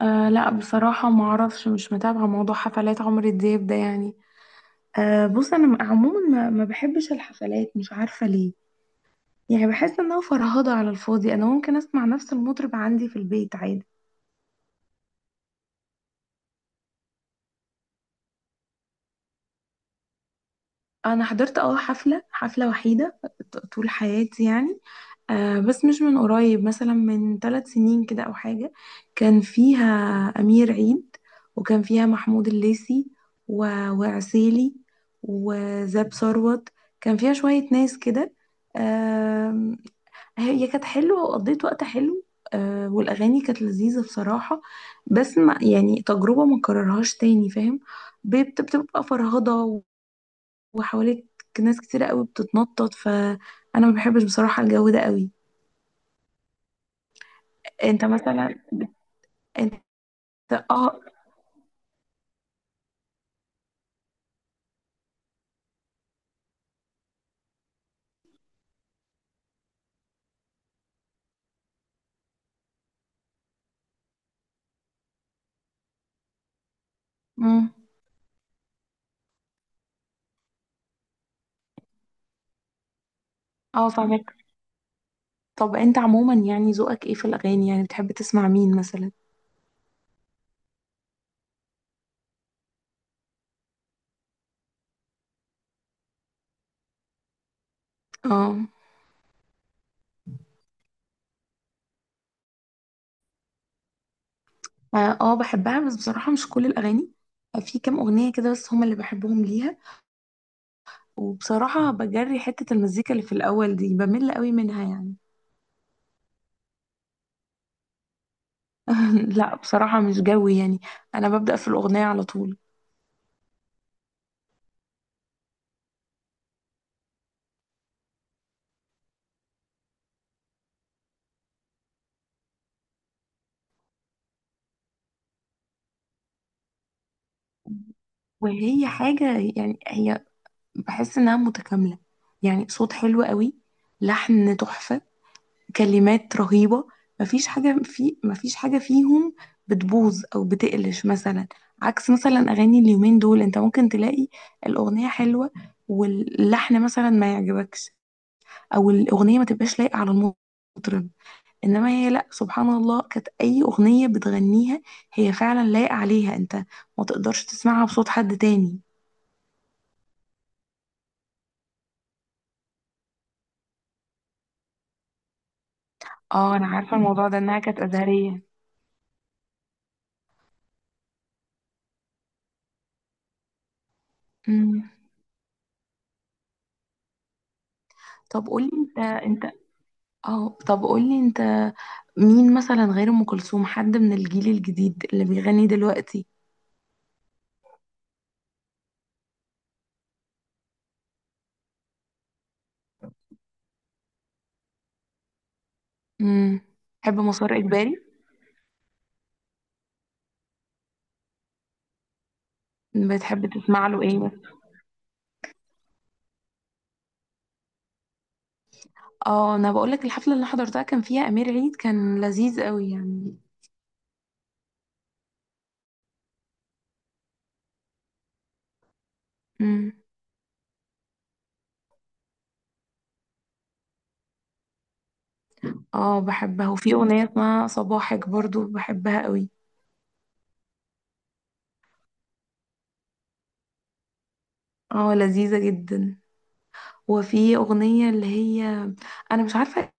أه، لا بصراحة ما اعرفش، مش متابعة موضوع حفلات عمرو دياب ده يعني. أه بص، انا عموما ما بحبش الحفلات، مش عارفة ليه. يعني بحس انها فرهضة على الفاضي، انا ممكن اسمع نفس المطرب عندي في البيت عادي. انا حضرت اه حفله وحيده طول حياتي يعني. آه بس مش من قريب، مثلا من 3 سنين كده او حاجه. كان فيها امير عيد، وكان فيها محمود الليثي، و... وعسيلي، وزاب ثروت. كان فيها شويه ناس كده. آم، هي كانت حلوه وقضيت وقت حلو. آه والاغاني كانت لذيذه بصراحه. بس ما يعني، تجربه ما اكررهاش تاني، فاهم؟ بتبقى فرهضه وحواليك ناس كتيرة قوي بتتنطط، فانا ما بحبش بصراحة الجو ده قوي. انت مثلا، انت، اه. مم. اه فاهمك. طب انت عموما يعني ذوقك ايه في الاغاني؟ يعني بتحب تسمع مين مثلا؟ اه. اه آه، بحبها بس بصراحة مش كل الاغاني. في كام اغنية كده بس هما اللي بحبهم ليها. وبصراحة بجري حتة المزيكا اللي في الاول دي، بمل قوي منها يعني. لا بصراحة مش جوي يعني، انا ببدأ في الاغنية على طول. وهي حاجة يعني، هي بحس انها متكامله. يعني صوت حلو قوي، لحن تحفه، كلمات رهيبه. مفيش حاجه في، مفيش حاجه فيهم بتبوظ او بتقلش مثلا. عكس مثلا اغاني اليومين دول، انت ممكن تلاقي الاغنيه حلوه واللحن مثلا ما يعجبكش، او الاغنيه ما تبقاش لايقه على المطرب. انما هي لا سبحان الله، كانت اي اغنيه بتغنيها هي فعلا لايقه عليها، انت ما تقدرش تسمعها بصوت حد تاني. اه انا عارفه الموضوع ده، انها كانت ازهريه. طب قولي انت، انت، اه طب قولي انت، مين مثلا غير ام كلثوم حد من الجيل الجديد اللي بيغني دلوقتي؟ امم. تحب مسار اجباري؟ بتحب تسمع له ايه مثلا؟ اه انا بقول لك، الحفله اللي حضرتها كان فيها امير عيد، كان لذيذ قوي يعني. امم. اه بحبها، وفي اغنيه اسمها صباحك برضو بحبها قوي. اه لذيذه جدا. وفي اغنيه اللي هي، انا مش عارفه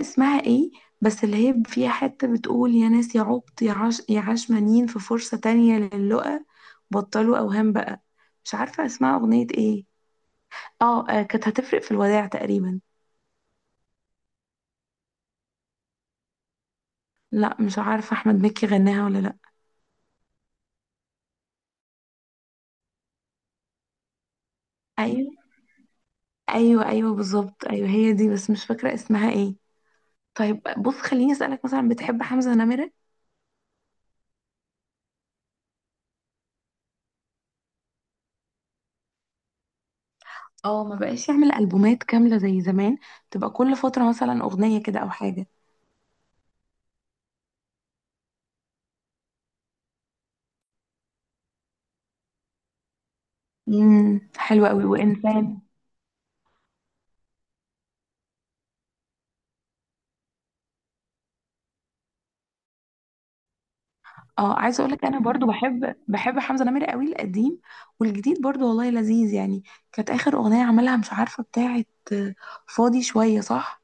اسمها ايه، بس اللي هي فيها حتة بتقول: يا ناس يا عبط يا عاش يا عشمانين في فرصة تانية للقا، بطلوا أوهام بقى. مش عارفة اسمها أغنية ايه. اه آه، كانت هتفرق في الوداع تقريبا. لا مش عارفة أحمد مكي غناها ولا لا. أيوة. أيوة أيوة بالظبط، أيوة هي دي، بس مش فاكرة اسمها ايه. طيب بص، خليني أسألك مثلا، بتحب حمزة نمرة؟ اه ما بقاش يعمل ألبومات كاملة زي زمان، تبقى كل فترة مثلا أغنية كده أو حاجة. حلوة قوي، وإنسان. اه عايزه اقول لك انا برضو بحب، بحب حمزه نمرة قوي، القديم والجديد برضو والله لذيذ يعني. كانت اخر اغنيه عملها مش عارفه بتاعه، آه، فاضي شويه، صح؟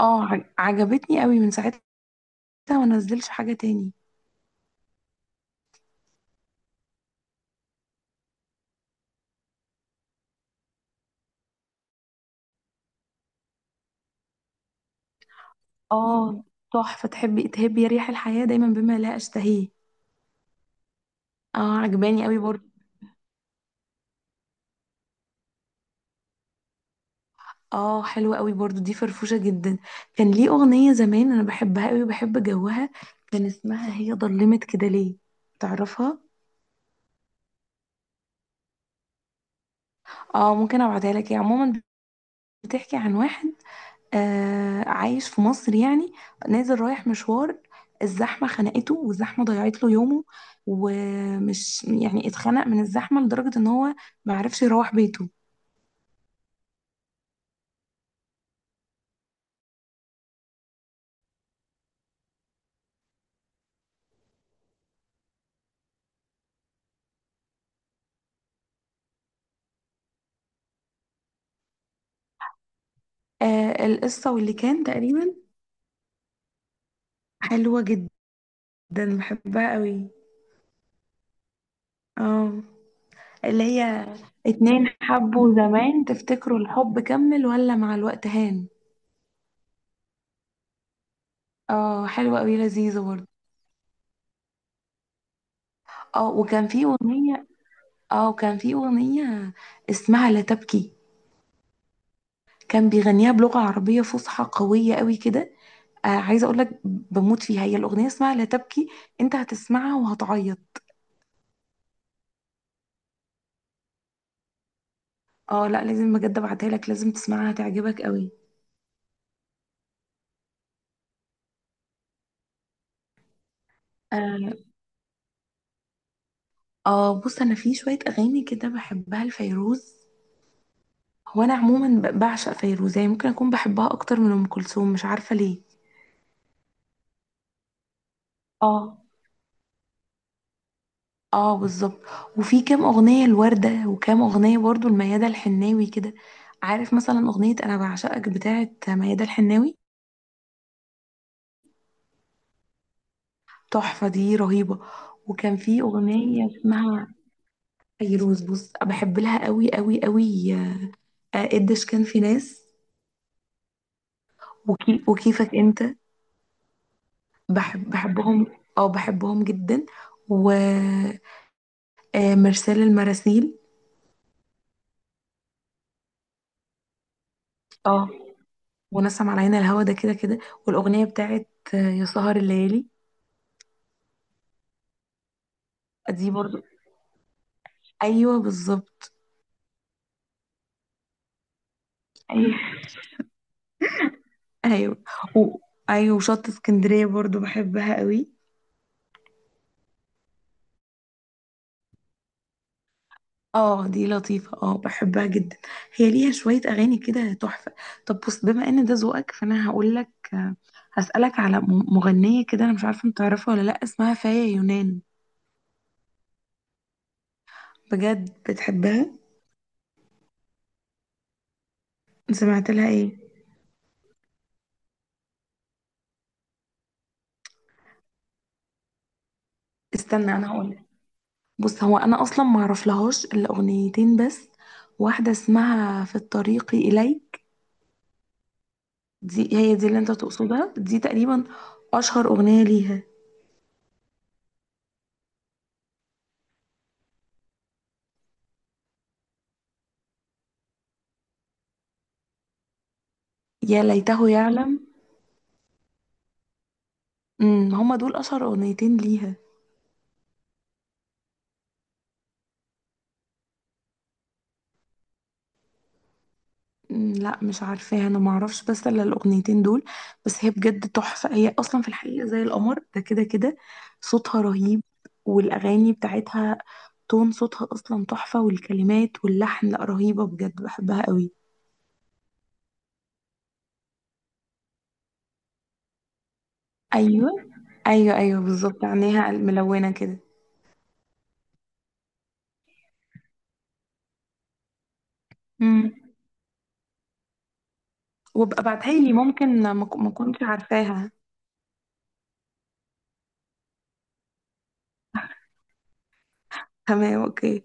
اه عجبتني قوي من ساعتها، ما نزلش حاجه تاني. اه تحفه، تحبي تهبي يا ريح الحياه دايما بما لا اشتهيه. اه عجباني قوي برضو. اه حلوه قوي برضو دي، فرفوشه جدا. كان ليه اغنيه زمان انا بحبها قوي وبحب جوها، كان اسمها هي ضلمت كده ليه، تعرفها؟ اه ممكن ابعتها لك. هي عموما بتحكي عن واحد آه عايش في مصر يعني، نازل رايح مشوار، الزحمة خنقته والزحمة ضيعت له يومه، ومش يعني اتخنق من الزحمة لدرجة ان هو معرفش يروح بيته. آه القصة واللي كان تقريبا. حلوة جدا. بحبها قوي. اه اللي هي اتنين حبوا زمان تفتكروا الحب كمل ولا مع الوقت هان. اه حلوة قوي، لذيذة برضه. اه وكان في اغنية، اه وكان في اغنية اسمها لا تبكي، كان بيغنيها بلغة عربية فصحى قوية قوي كده. آه عايزة اقول لك بموت فيها، هي الأغنية اسمها لا تبكي، انت هتسمعها وهتعيط. اه لا لازم بجد ابعتها لك، لازم تسمعها هتعجبك قوي. اه آه، بص انا في شوية اغاني كده بحبها لفيروز. هو انا عموما بعشق فيروز يعني، ممكن اكون بحبها اكتر من ام كلثوم، مش عارفة ليه. اه. اه بالظبط. وفي كام اغنية الوردة، وكام اغنية برضو الميادة الحناوي كده. عارف مثلا اغنية انا بعشقك بتاعت ميادة الحناوي؟ تحفة دي، رهيبة. وكان في أغنية اسمها، فيروز بص بحب لها قوي قوي قوي، آه، قديش كان في ناس، وكي وكيفك انت، بحب بحبهم. اه بحبهم جدا. ومرسال المراسيل. اه ونسم على عين الهوا ده كده كده. والأغنية بتاعت آه، يا سهر الليالي. دي برضو. ايوه بالظبط. ايوه ايوه. و- ايوه وشط اسكندرية برضو بحبها قوي. اه دي لطيفة، اه بحبها جدا. هي ليها شوية أغاني كده تحفة. طب بص، بما إن ده ذوقك فأنا هقول لك، هسألك على مغنية كده، أنا مش عارفة أنت تعرفها ولا لأ، اسمها فاية يونان. بجد بتحبها؟ سمعت لها إيه؟ استنى أنا هقول لك. بص، هو أنا أصلا ما أعرفلهاش إلا 2 أغنيتين بس. واحدة اسمها في الطريق إليك، دي هي دي اللي أنت تقصدها دي تقريبا، أشهر أغنية ليها. يا ليته يعلم. هما دول أشهر 2 أغنيتين ليها. مم، لا مش عارفاها، انا ما اعرفش بس الا ال2 اغنيتين دول. بس هي بجد تحفه، هي اصلا في الحقيقه زي القمر ده كده كده. صوتها رهيب، والاغاني بتاعتها، تون صوتها اصلا تحفه، والكلمات واللحن لا رهيبه بجد بحبها قوي. ايوه. ايوه ايوه بالظبط، عينيها ملونه كده. امم. وابقى ابعتها لي، ممكن ما كنتش عارفاها. تمام اوكي.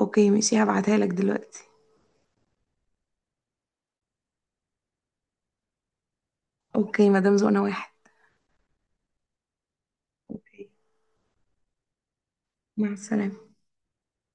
اوكي ماشي، هبعتها لك دلوقتي. اوكي، مدام زقنا واحد. اوكي. مع السلامه.